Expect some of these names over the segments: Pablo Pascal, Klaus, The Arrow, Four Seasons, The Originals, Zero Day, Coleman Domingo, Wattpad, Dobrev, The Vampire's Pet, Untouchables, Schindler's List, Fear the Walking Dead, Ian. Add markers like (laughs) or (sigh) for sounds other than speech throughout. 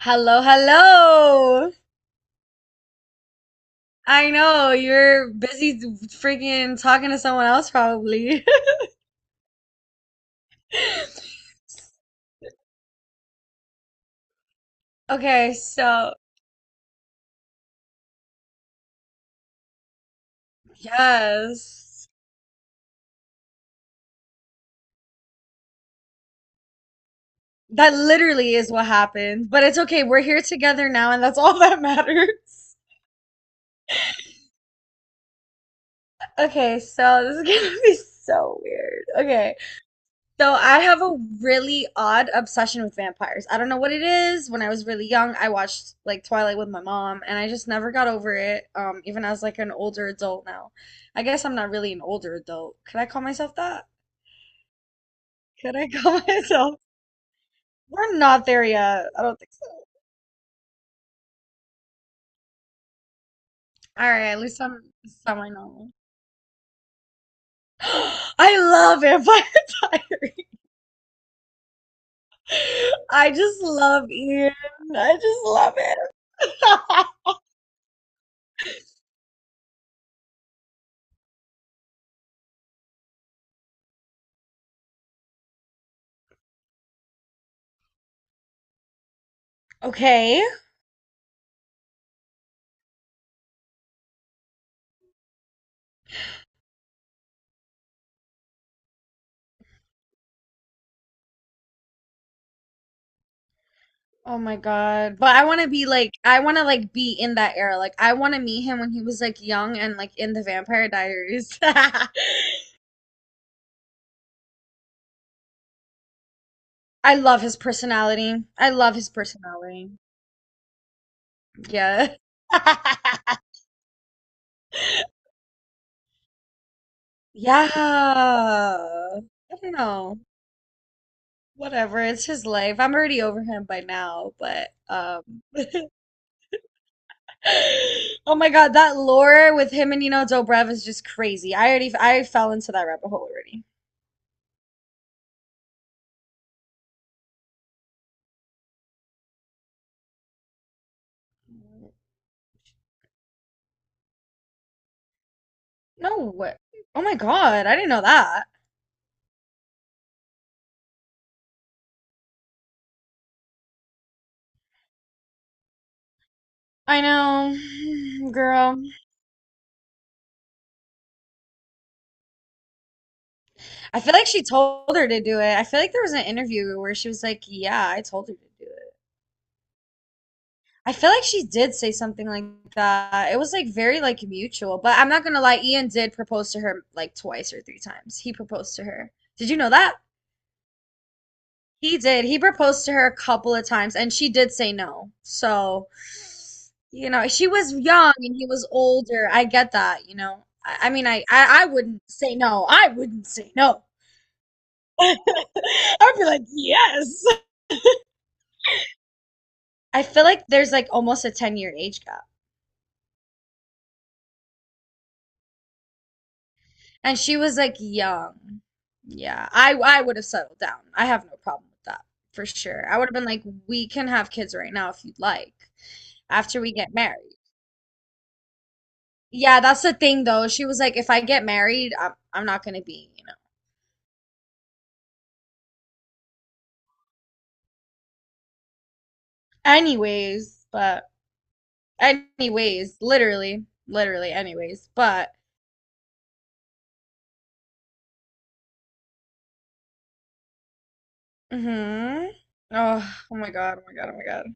Hello, hello. I know you're busy freaking talking to someone else probably. (laughs) Okay, so yes. That literally is what happened. But it's okay. We're here together now, and that's all that matters. (laughs) Okay, so this is gonna be so weird. Okay. So I have a really odd obsession with vampires. I don't know what it is. When I was really young, I watched like Twilight with my mom, and I just never got over it. Even as like an older adult now. I guess I'm not really an older adult. Could I call myself that? Could I call (laughs) myself? We're not there yet. I don't think so. All right, at least I'm semi-normal. (gasps) I love Vampire (laughs) Diaries. I just love Ian. I just love it. (laughs) Okay. Oh my God. But I want to be like, I want to like be in that era. Like, I want to meet him when he was like young and like in the Vampire Diaries. (laughs) I love his personality. I love his personality. Yeah. (laughs) Yeah. I don't know. Whatever. It's his life. I'm already over him by now, but (gasps) (laughs) Oh my God, that lore with him and you know Dobrev is just crazy. I fell into that rabbit hole already. No way. Oh my God, I didn't know that. I know, (sighs) girl. I feel like she told her to do it. I feel like there was an interview where she was like, "Yeah, I told her to do it." I feel like she did say something like that. It was like very like mutual, but I'm not gonna lie, Ian did propose to her like twice or three times. He proposed to her. Did you know that? He did. He proposed to her a couple of times and she did say no. So, you know, she was young and he was older. I get that, you know. I mean, I wouldn't say no. I wouldn't say no. (laughs) I feel like there's like almost a 10-year age gap. And she was like young. Yeah, I would have settled down. I have no problem with that for sure. I would have been like, we can have kids right now if you'd like, after we get married. Yeah, that's the thing though. She was like, if I get married, I'm not gonna be, you know. Anyways, but anyways, literally, literally, anyways, but mm-hmm. Oh, oh my God, oh my God, oh my God.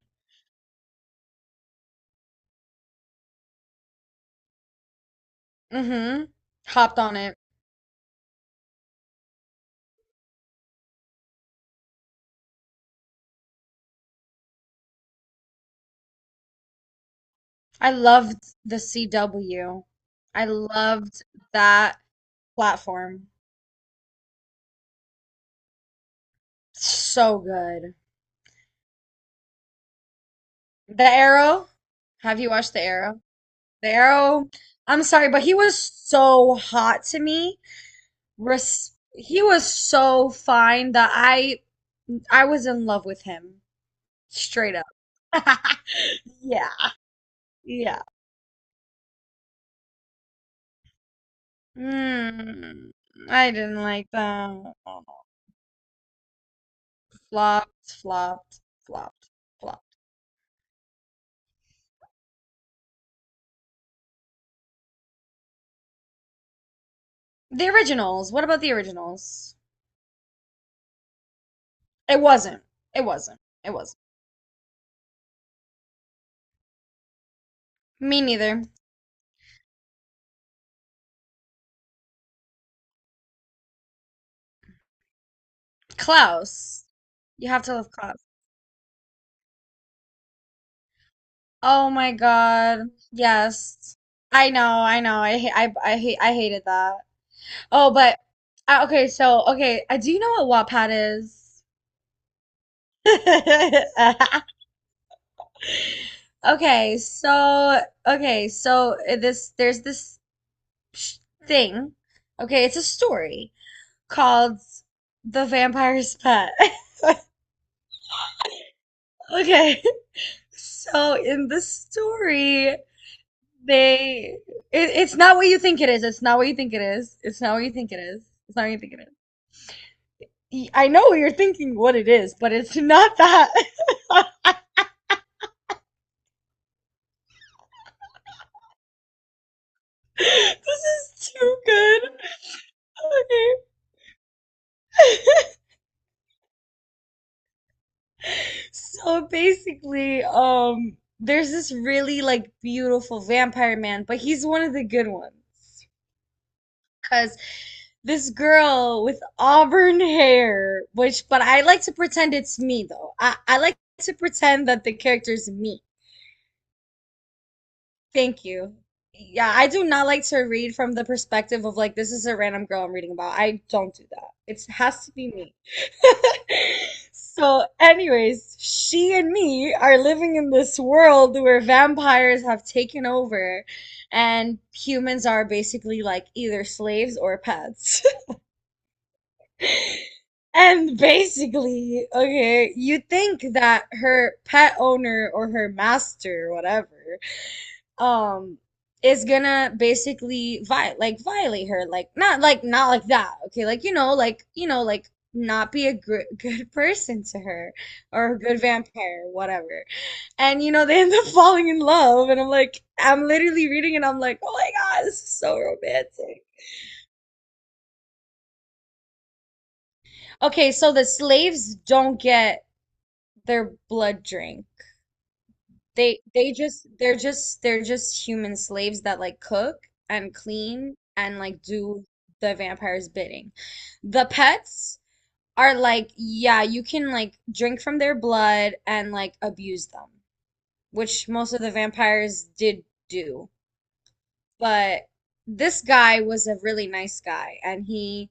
Mm-hmm. Hopped on it. I loved the CW. I loved that platform. So good. The Arrow. Have you watched The Arrow? The Arrow. I'm sorry, but he was so hot to me. Res He was so fine that I was in love with him. Straight up. (laughs) Yeah, yeah. Mm, I didn't like them. Flopped, flopped, flopped, flopped. The originals. What about the originals? It wasn't. It wasn't. It wasn't. Me neither. Klaus. You have to love Klaus. Oh my God. Yes. I know. I know. I hate. I hated that. Oh, but okay. So okay. Do you know what Wattpad is? (laughs) Okay, so okay, so this sh- thing. Okay, it's a story called The Vampire's Pet. (laughs) Okay. So in the story, they it, it's not what you think it is. It's not what you think it is. It's not what you think it is. It's not what you think it is. I know you're thinking what it is, but it's not that. (laughs) This is too good. Okay. So basically, there's this really like beautiful vampire man, but he's one of the good ones. Because this girl with auburn hair, which, but I like to pretend it's me though. I like to pretend that the character's me. Thank you. Yeah, I do not like to read from the perspective of like this is a random girl I'm reading about. I don't do that. It has to be me. (laughs) So, anyways, she and me are living in this world where vampires have taken over and humans are basically like either slaves or pets. (laughs) And basically, okay, you think that her pet owner or her master, whatever, um is gonna basically vi like violate her, like not like, not like that, okay, like like not be a gr (laughs) good person to her or a good vampire, whatever, and you know they end up (laughs) falling in love, and I'm like, I'm literally reading and I'm like, oh my God, this is so romantic. Okay, so the slaves don't get their blood drink. They're just human slaves that like cook and clean and like do the vampire's bidding. The pets are like, yeah, you can like drink from their blood and like abuse them, which most of the vampires did do. But this guy was a really nice guy and he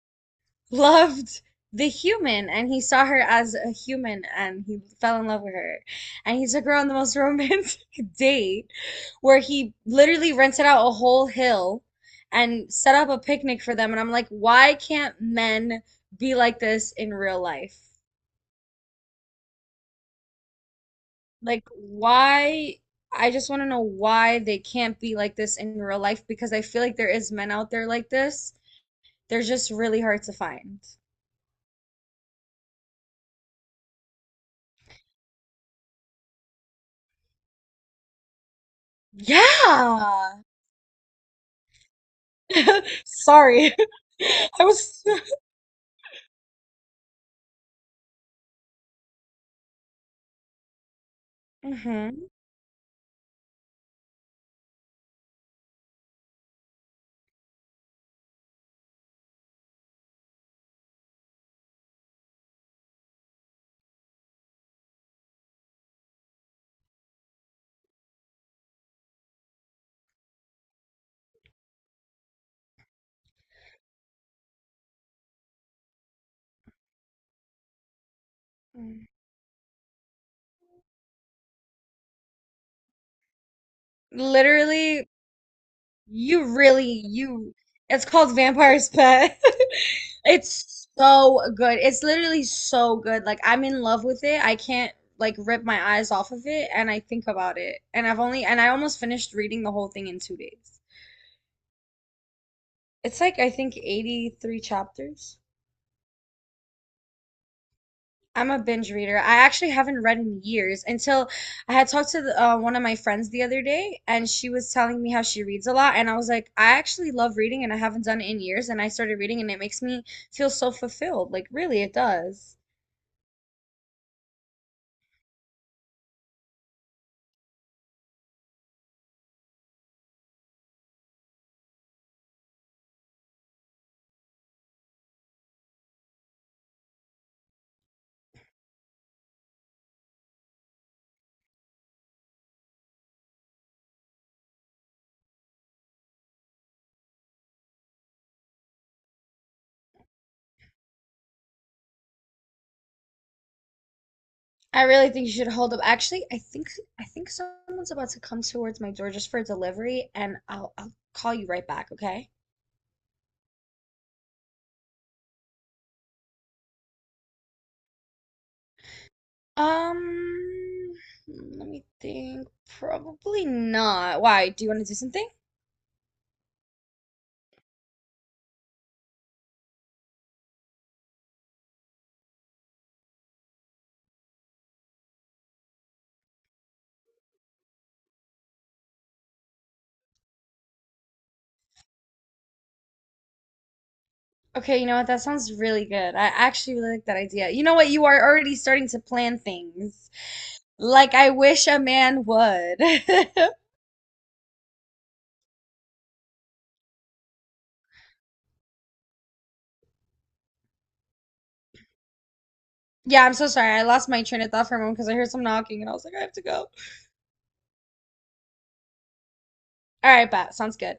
loved the human and he saw her as a human and he fell in love with her, and he took her on the most romantic (laughs) date where he literally rented out a whole hill and set up a picnic for them. And I'm like, why can't men be like this in real life? Like, why? I just want to know why they can't be like this in real life, because I feel like there is men out there like this. They're just really hard to find. Yeah. (laughs) Sorry. (laughs) I was Mm-hmm. Literally, you really, you, it's called Vampire's Pet. (laughs) It's so good. It's literally so good. Like, I'm in love with it. I can't, like, rip my eyes off of it. And I think about it. And I've only, and I almost finished reading the whole thing in 2 days. It's like, I think, 83 chapters. I'm a binge reader. I actually haven't read in years until I had talked to the, one of my friends the other day, and she was telling me how she reads a lot. And I was like, I actually love reading, and I haven't done it in years. And I started reading, and it makes me feel so fulfilled. Like, really, it does. I really think you should hold up. Actually, I think someone's about to come towards my door just for a delivery, and I'll call you right back, okay? Um, let me think. Probably not. Why? Do you want to do something? Okay, you know what? That sounds really good. I actually really like that idea. You know what? You are already starting to plan things. Like I wish a man would. (laughs) Yeah, I'm so sorry. I lost my train of thought for a moment because I heard some knocking and I was like, I have to go. All right, bet. Sounds good.